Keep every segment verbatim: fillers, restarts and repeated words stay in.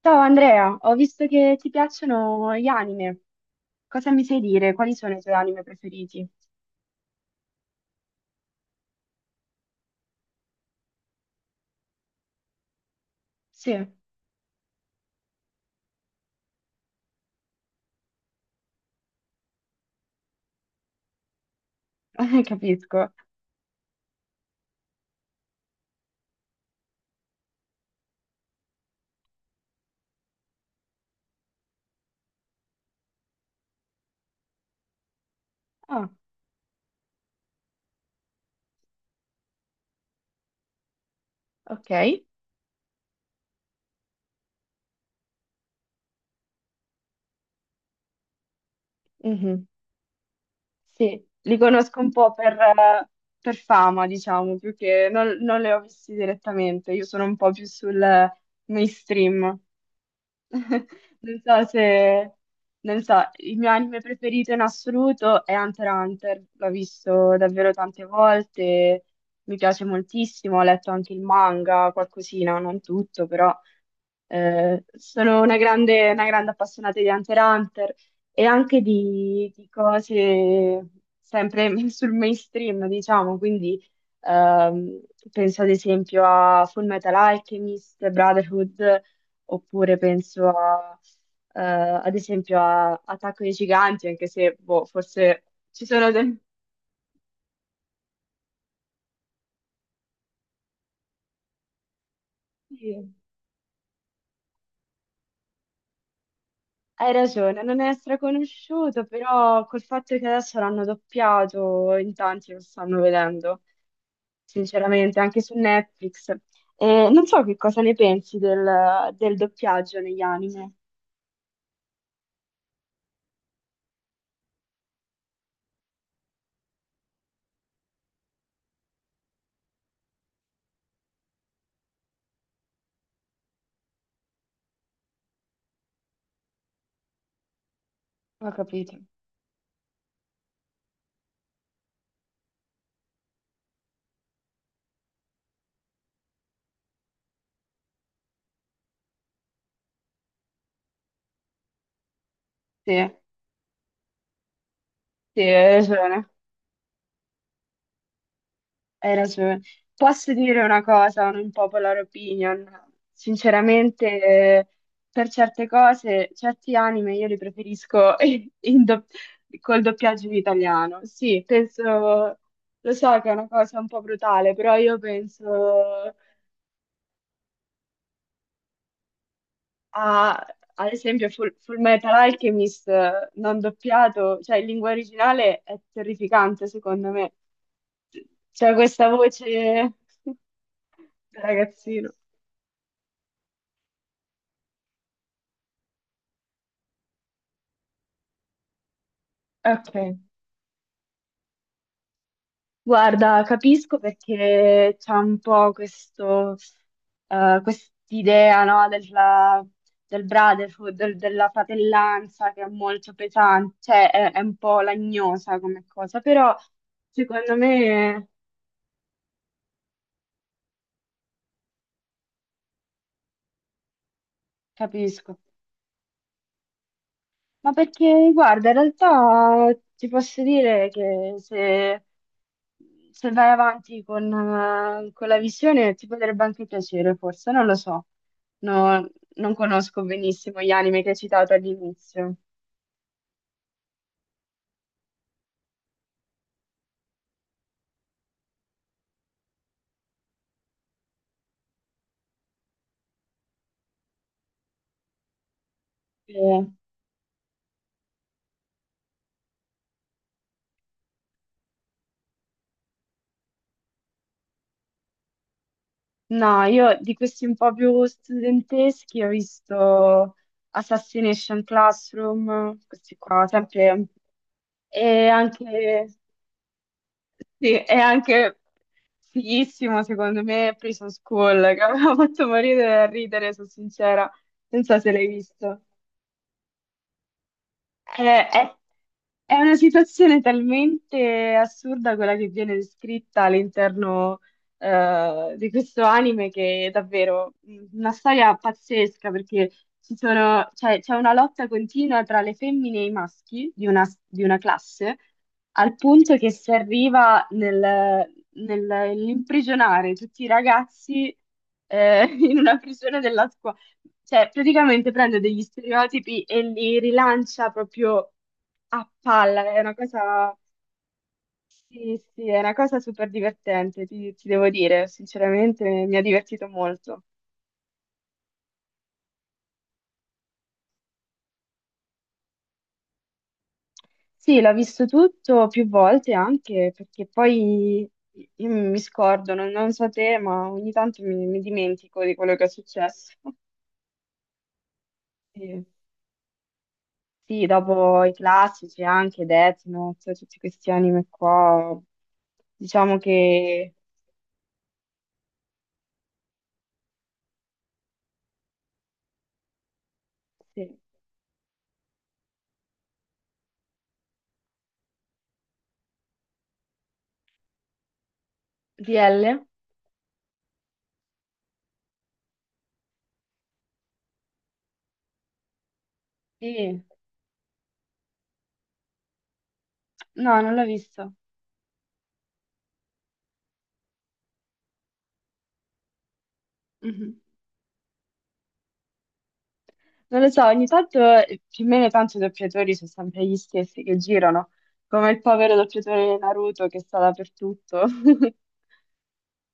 Ciao Andrea, ho visto che ti piacciono gli anime. Cosa mi sai dire? Quali sono i tuoi anime preferiti? Sì, capisco. Ah, ok. Mhm. Sì, li conosco un po' per, eh, per fama, diciamo, più che non, non li ho visti direttamente. Io sono un po' più sul eh, mainstream. Non so se, non so, il mio anime preferito in assoluto è Hunter x Hunter, l'ho visto davvero tante volte, mi piace moltissimo, ho letto anche il manga, qualcosina, non tutto, però eh, sono una grande, una grande appassionata di Hunter x Hunter e anche di, di cose sempre sul mainstream, diciamo, quindi ehm, penso ad esempio a Full Metal Alchemist, Brotherhood, oppure penso a, eh, ad esempio a Attacco dei Giganti, anche se boh, forse ci sono del... sì, hai ragione, non è straconosciuto, però col fatto che adesso l'hanno doppiato in tanti lo stanno vedendo. Sinceramente, anche su Netflix. E non so che cosa ne pensi del, del doppiaggio negli anime. Ho capito. Sì, sì, hai ragione, hai ragione. Posso dire una cosa, un unpopular opinion. Sinceramente, eh, per certe cose, certi anime io li preferisco in do- col doppiaggio in italiano. Sì, penso, lo so che è una cosa un po' brutale, però io penso. A, ad esempio, Full, Full Metal Alchemist eh, non doppiato, cioè in lingua originale è terrificante, secondo me. C'è questa voce da ragazzino. Ok. Guarda, capisco perché c'è un po' questo, eh, quest'idea, no, della, del brotherhood, del- della fratellanza che è molto pesante, cioè è, è un po' lagnosa come cosa, però secondo me capisco. Ma perché, guarda, in realtà ti posso dire che se, se vai avanti con, eh, con la visione ti potrebbe anche piacere, forse, non lo so. No, non conosco benissimo gli anime che hai citato all'inizio. Eh, no, io di questi un po' più studenteschi ho visto Assassination Classroom, questi qua, sempre, e anche. Sì, è anche fighissimo secondo me Prison School, che mi ha fatto morire da ridere, sono sincera. Non so se l'hai visto. Eh, è, è una situazione talmente assurda quella che viene descritta all'interno eh, di questo anime che è davvero una storia pazzesca perché ci sono- cioè, c'è una lotta continua tra le femmine e i maschi di una, di una classe al punto che si arriva nel, nell'imprigionare tutti i ragazzi eh, in una prigione della squadra, cioè, praticamente prende degli stereotipi e li rilancia proprio a palla. È una cosa, sì, sì, è una cosa super divertente, ti, ti devo dire. Sinceramente, mi ha divertito molto. Sì, l'ho visto tutto più volte anche perché poi io mi scordo, non, non so te, ma ogni tanto mi, mi dimentico di quello che è successo. Sì. Sì, dopo i classici anche Death Note, tutti questi anime qua, diciamo che. Sì. D L? Sì. No, non l'ho visto. Mhm. Non lo so, ogni tanto eh, più o meno tanto i doppiatori sono sempre gli stessi che girano, come il povero doppiatore di Naruto che sta dappertutto,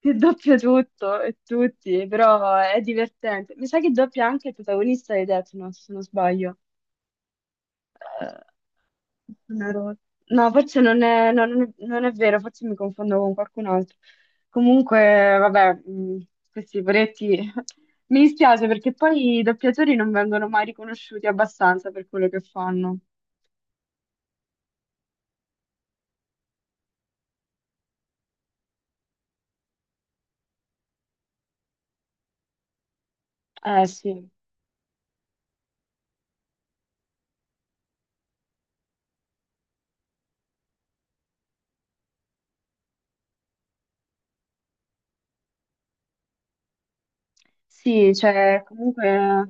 che doppia tutto e tutti, però è divertente. Mi sa che doppia anche il protagonista di Death Note, se non sbaglio. Una rosa. No, forse non è, no, non è- non è vero, forse mi confondo con qualcun altro. Comunque, vabbè, mh, questi poretti mi dispiace perché poi i doppiatori non vengono mai riconosciuti abbastanza per quello che fanno. Eh sì. Sì, cioè, comunque,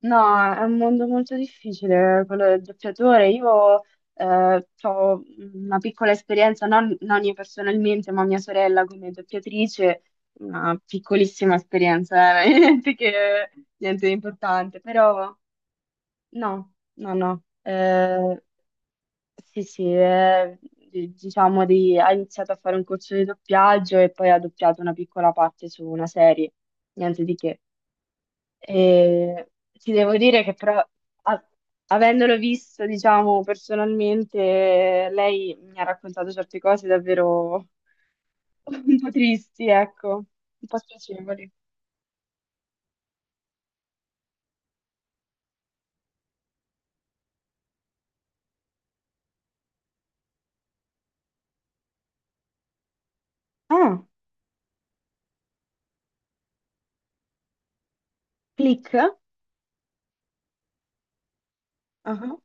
no, è un mondo molto difficile quello del doppiatore. Io eh, ho una piccola esperienza, non, non io personalmente, ma mia sorella come doppiatrice, una piccolissima esperienza, eh, niente che, niente di importante, però no, no, no. Eh, sì, sì, eh, di- diciamo di, ha iniziato a fare un corso di doppiaggio e poi ha doppiato una piccola parte su una serie, niente di che. E ti devo dire che però, a- avendolo visto, diciamo, personalmente, lei mi ha raccontato certe cose davvero un po' tristi, ecco, un po' spiacevoli. Ah, Click? Ah.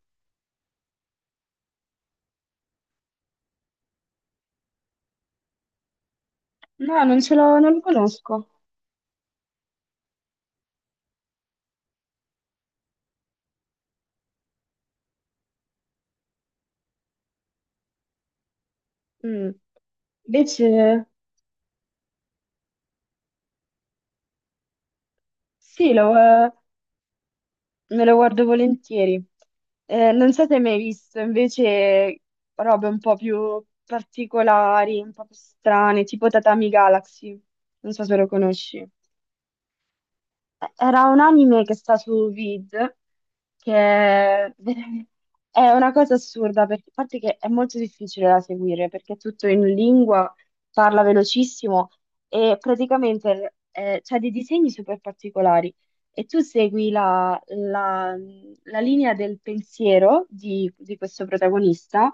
No, non ce l'ho, non lo conosco. Mm. Invece, sì, lo, eh, me lo guardo volentieri. Eh, non so se hai mai visto invece robe un po' più particolari, un po' più strane, tipo Tatami Galaxy. Non so se lo conosci. Era un anime che sta su Vid, che è veramente- è una cosa assurda, perché, a parte che è molto difficile da seguire, perché è tutto in lingua, parla velocissimo e praticamente eh, c'ha dei disegni super particolari e tu segui la, la- la linea del pensiero di, di questo protagonista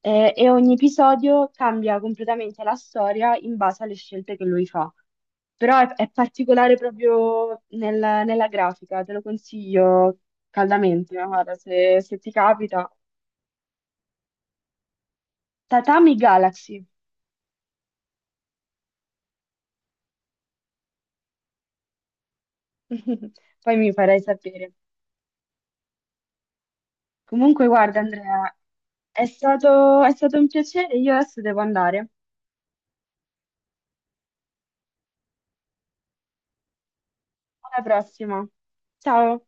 eh, e ogni episodio cambia completamente la storia in base alle scelte che lui fa. Però è, è particolare proprio nel- nella grafica, te lo consiglio caldamente, ma guarda, se, se ti capita. Tatami Galaxy, poi mi farai sapere. Comunque, guarda, Andrea, è stato, è stato un piacere, io adesso devo andare. Alla prossima. Ciao.